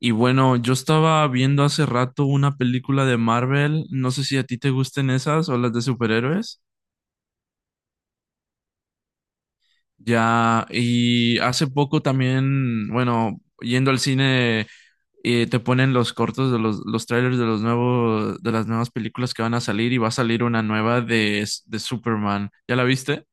Y bueno, yo estaba viendo hace rato una película de Marvel, no sé si a ti te gusten esas o las de superhéroes. Ya, y hace poco también, bueno, yendo al cine, te ponen los cortos de los trailers de los nuevos, de las nuevas películas que van a salir y va a salir una nueva de Superman. ¿Ya la viste?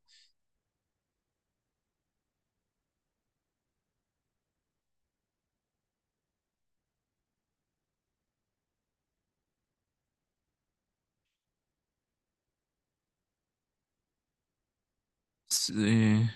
Sí.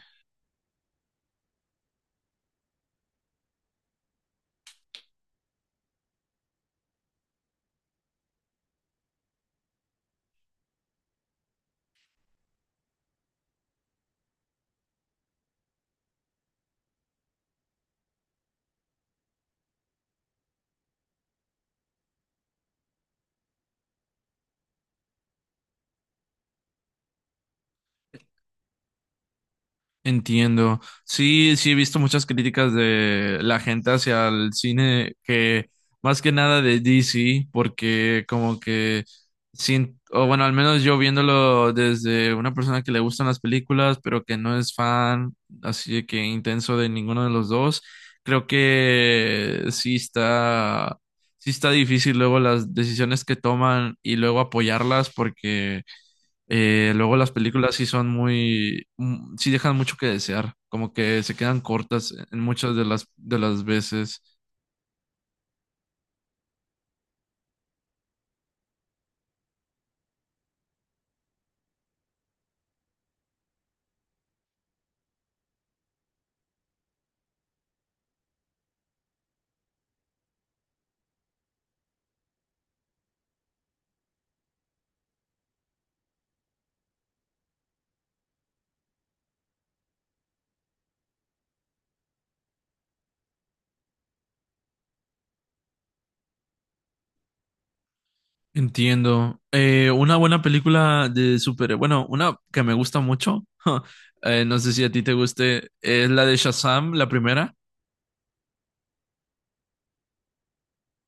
Entiendo. Sí, sí he visto muchas críticas de la gente hacia el cine que más que nada de DC, porque como que sin, o bueno, al menos yo viéndolo desde una persona que le gustan las películas, pero que no es fan, así de que intenso de ninguno de los dos, creo que sí está difícil luego las decisiones que toman y luego apoyarlas porque luego las películas sí son muy, sí dejan mucho que desear, como que se quedan cortas en muchas de las veces. Entiendo. Una buena película de super, bueno, una que me gusta mucho, no sé si a ti te guste, es la de Shazam, la primera.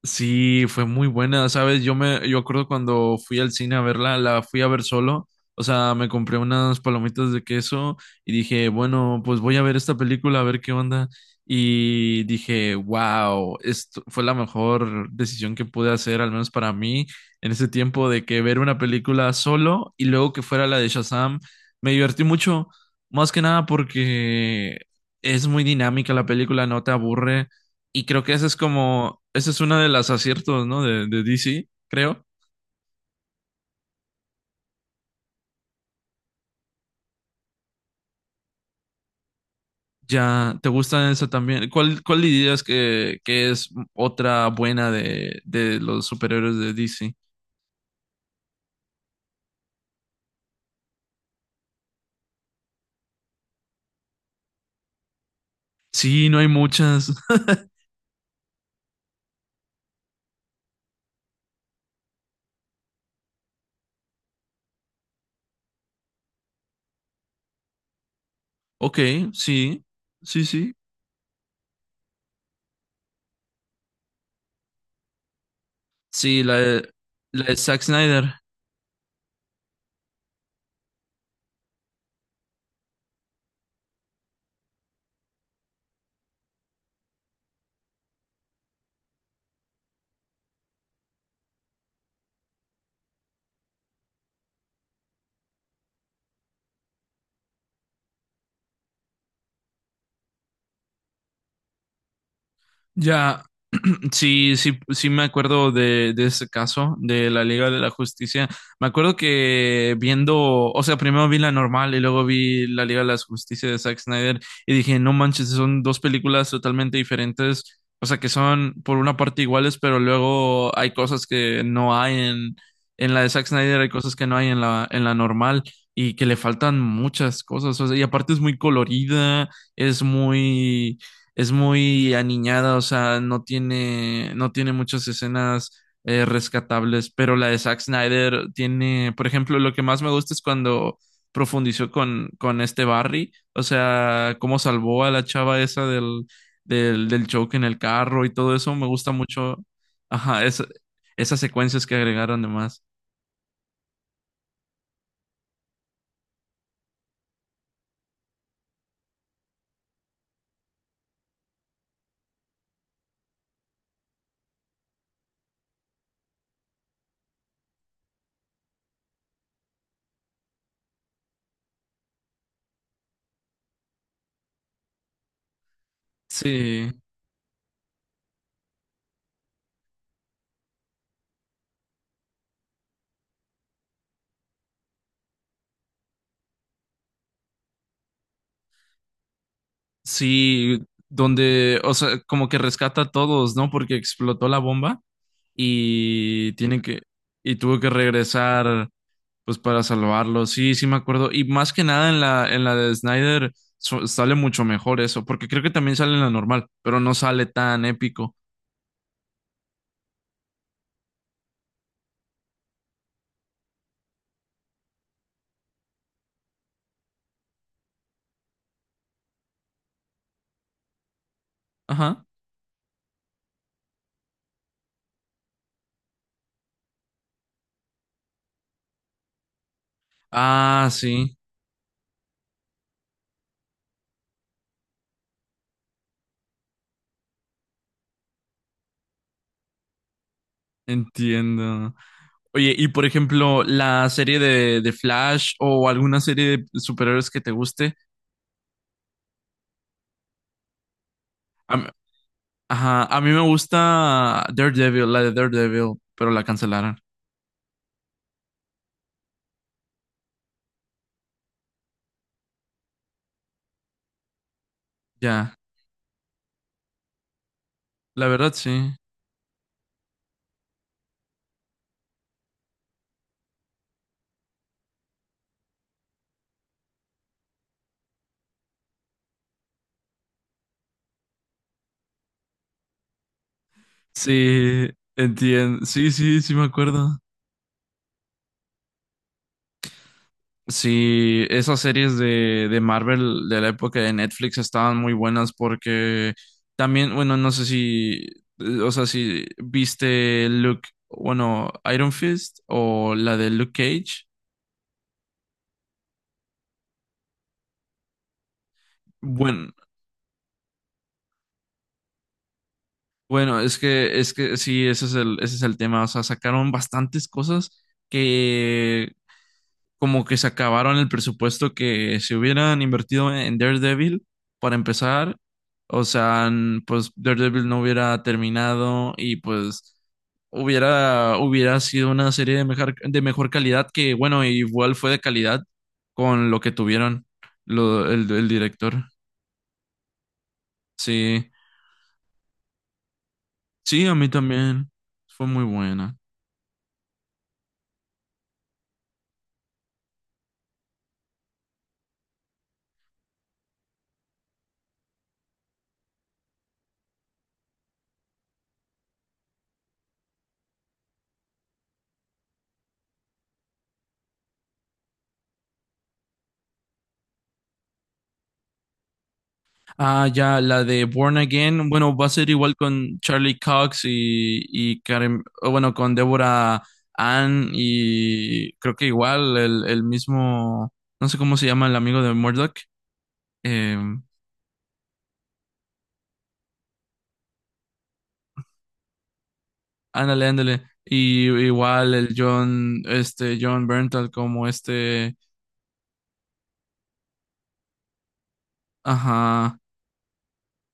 Sí, fue muy buena, ¿sabes? Yo acuerdo cuando fui al cine a verla, la fui a ver solo, o sea, me compré unas palomitas de queso y dije, bueno, pues voy a ver esta película, a ver qué onda. Y dije, wow, esto fue la mejor decisión que pude hacer, al menos para mí, en ese tiempo de que ver una película solo y luego que fuera la de Shazam, me divertí mucho, más que nada porque es muy dinámica la película, no te aburre. Y creo que ese es como, ese es uno de los aciertos, ¿no? De DC, creo. Ya, ¿te gusta esa también? ¿Cuál dirías que es otra buena de los superhéroes de DC? Sí, no hay muchas. Ok, sí, sí, sí. Sí, la de Zack Snyder. Ya, sí, sí, sí me acuerdo de ese caso de la Liga de la Justicia. Me acuerdo que viendo, o sea, primero vi la normal y luego vi la Liga de la Justicia de Zack Snyder y dije, no manches, son dos películas totalmente diferentes, o sea, que son por una parte iguales, pero luego hay cosas que no hay en la de Zack Snyder, hay cosas que no hay en en la normal y que le faltan muchas cosas, o sea, y aparte es muy colorida, es muy es muy aniñada, o sea, no tiene, no tiene muchas escenas rescatables, pero la de Zack Snyder tiene, por ejemplo, lo que más me gusta es cuando profundizó con este Barry, o sea, cómo salvó a la chava esa del, del choque en el carro y todo eso, me gusta mucho, ajá, esas secuencias que agregaron además. Sí, sí, donde, o sea, como que rescata a todos, ¿no? Porque explotó la bomba. y tiene que y tuvo que regresar pues para salvarlo. Sí, sí me acuerdo y más que nada en la de Snyder sale mucho mejor eso, porque creo que también sale en la normal, pero no sale tan épico. Ajá. Ah, sí, entiendo. Oye, y por ejemplo, la serie de Flash o alguna serie de superhéroes que te guste. A mí- ajá, a mí me gusta Daredevil, la de Daredevil, pero la cancelaron. Ya, la verdad sí. Sí, entiendo. Sí, sí, sí me acuerdo. Sí, esas series de Marvel de la época de Netflix estaban muy buenas porque también, bueno, no sé si, o sea, si viste Luke, bueno, Iron Fist o la de Luke Cage. Bueno, bueno, es que sí, ese es el tema. O sea, sacaron bastantes cosas que como que se acabaron el presupuesto que se hubieran invertido en Daredevil para empezar. O sea, pues Daredevil no hubiera terminado y pues hubiera sido una serie de mejor calidad que, bueno, igual fue de calidad con lo que tuvieron el director. Sí, sí, a mí también. Fue muy buena. Ah, ya, la de Born Again, bueno, va a ser igual con Charlie Cox y Karen, o bueno, con Deborah Ann y creo que igual el mismo, no sé cómo se llama el amigo de Murdoch, eh, ándale, ándale, y igual el John, este, John Bernthal como este, ajá,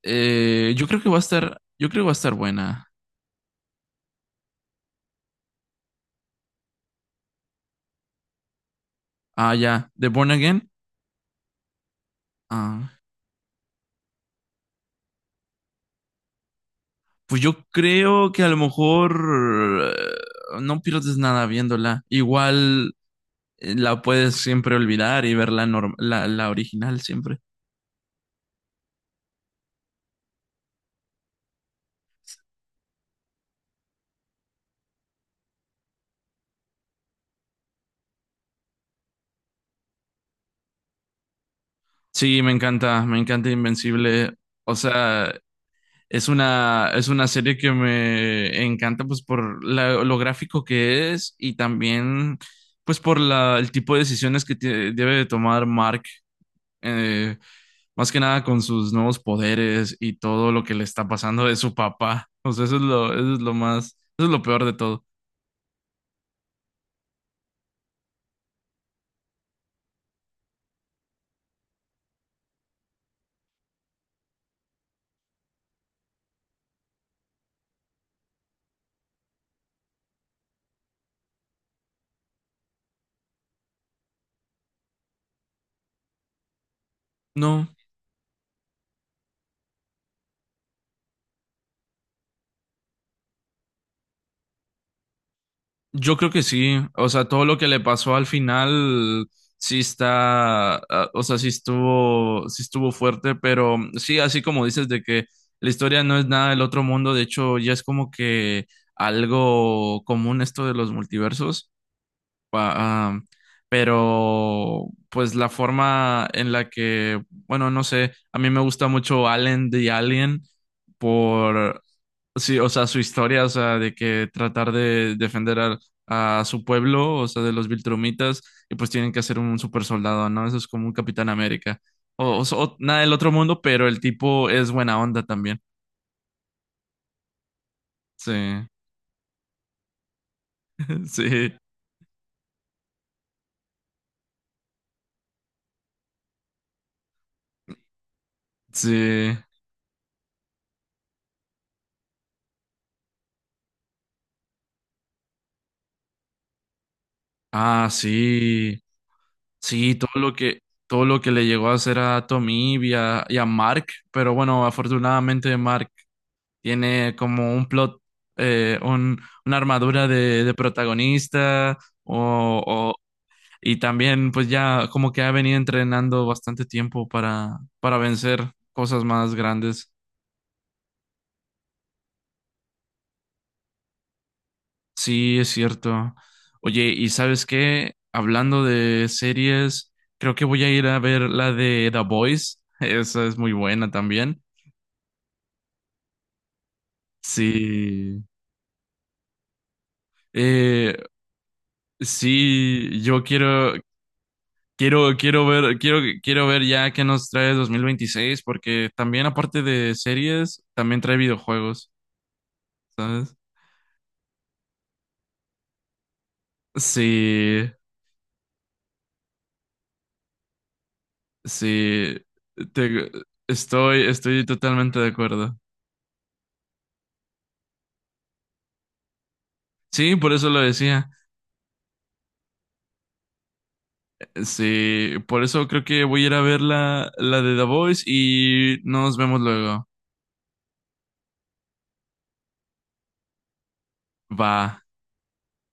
yo creo que va a estar buena. Ah, ya, de Born Again, ah. Pues yo creo que a lo mejor no pierdes nada viéndola. Igual la puedes siempre olvidar y ver la original siempre. Sí, me encanta Invencible. O sea, es una serie que me encanta pues por lo gráfico que es y también pues por la, el tipo de decisiones que debe de tomar Mark eh, más que nada con sus nuevos poderes y todo lo que le está pasando de su papá. O sea, eso es lo más, eso es lo peor de todo. No, yo creo que sí. O sea, todo lo que le pasó al final sí está, ah, o sea, sí estuvo fuerte, pero sí, así como dices de que la historia no es nada del otro mundo, de hecho, ya es como que algo común esto de los multiversos. pa- am, pero pues la forma en la que, bueno, no sé, a mí me gusta mucho Allen the Alien por, sí, o sea, su historia, o sea, de que tratar de defender a, su pueblo, o sea, de los Viltrumitas, y pues tienen que hacer un super soldado, ¿no? Eso es como un Capitán América. Nada del otro mundo, pero el tipo es buena onda también. Sí, sí, sí. Ah, sí. Sí, todo lo que le llegó a hacer a Tommy y a Mark, pero bueno, afortunadamente Mark tiene como un plot, una armadura de protagonista, o, o- y también pues ya como que ha venido entrenando bastante tiempo para vencer cosas más grandes. Sí, es cierto. Oye, ¿y sabes qué? Hablando de series, creo que voy a ir a ver la de The Boys. Esa es muy buena también. Sí, eh, sí, yo quiero, quiero ver, quiero ver ya qué nos trae 2026, porque también aparte de series, también trae videojuegos, ¿sabes? Sí, sí, te- estoy, estoy totalmente de acuerdo. Sí, por eso lo decía. Sí, por eso creo que voy a ir a ver la de The Voice y nos vemos luego. Va.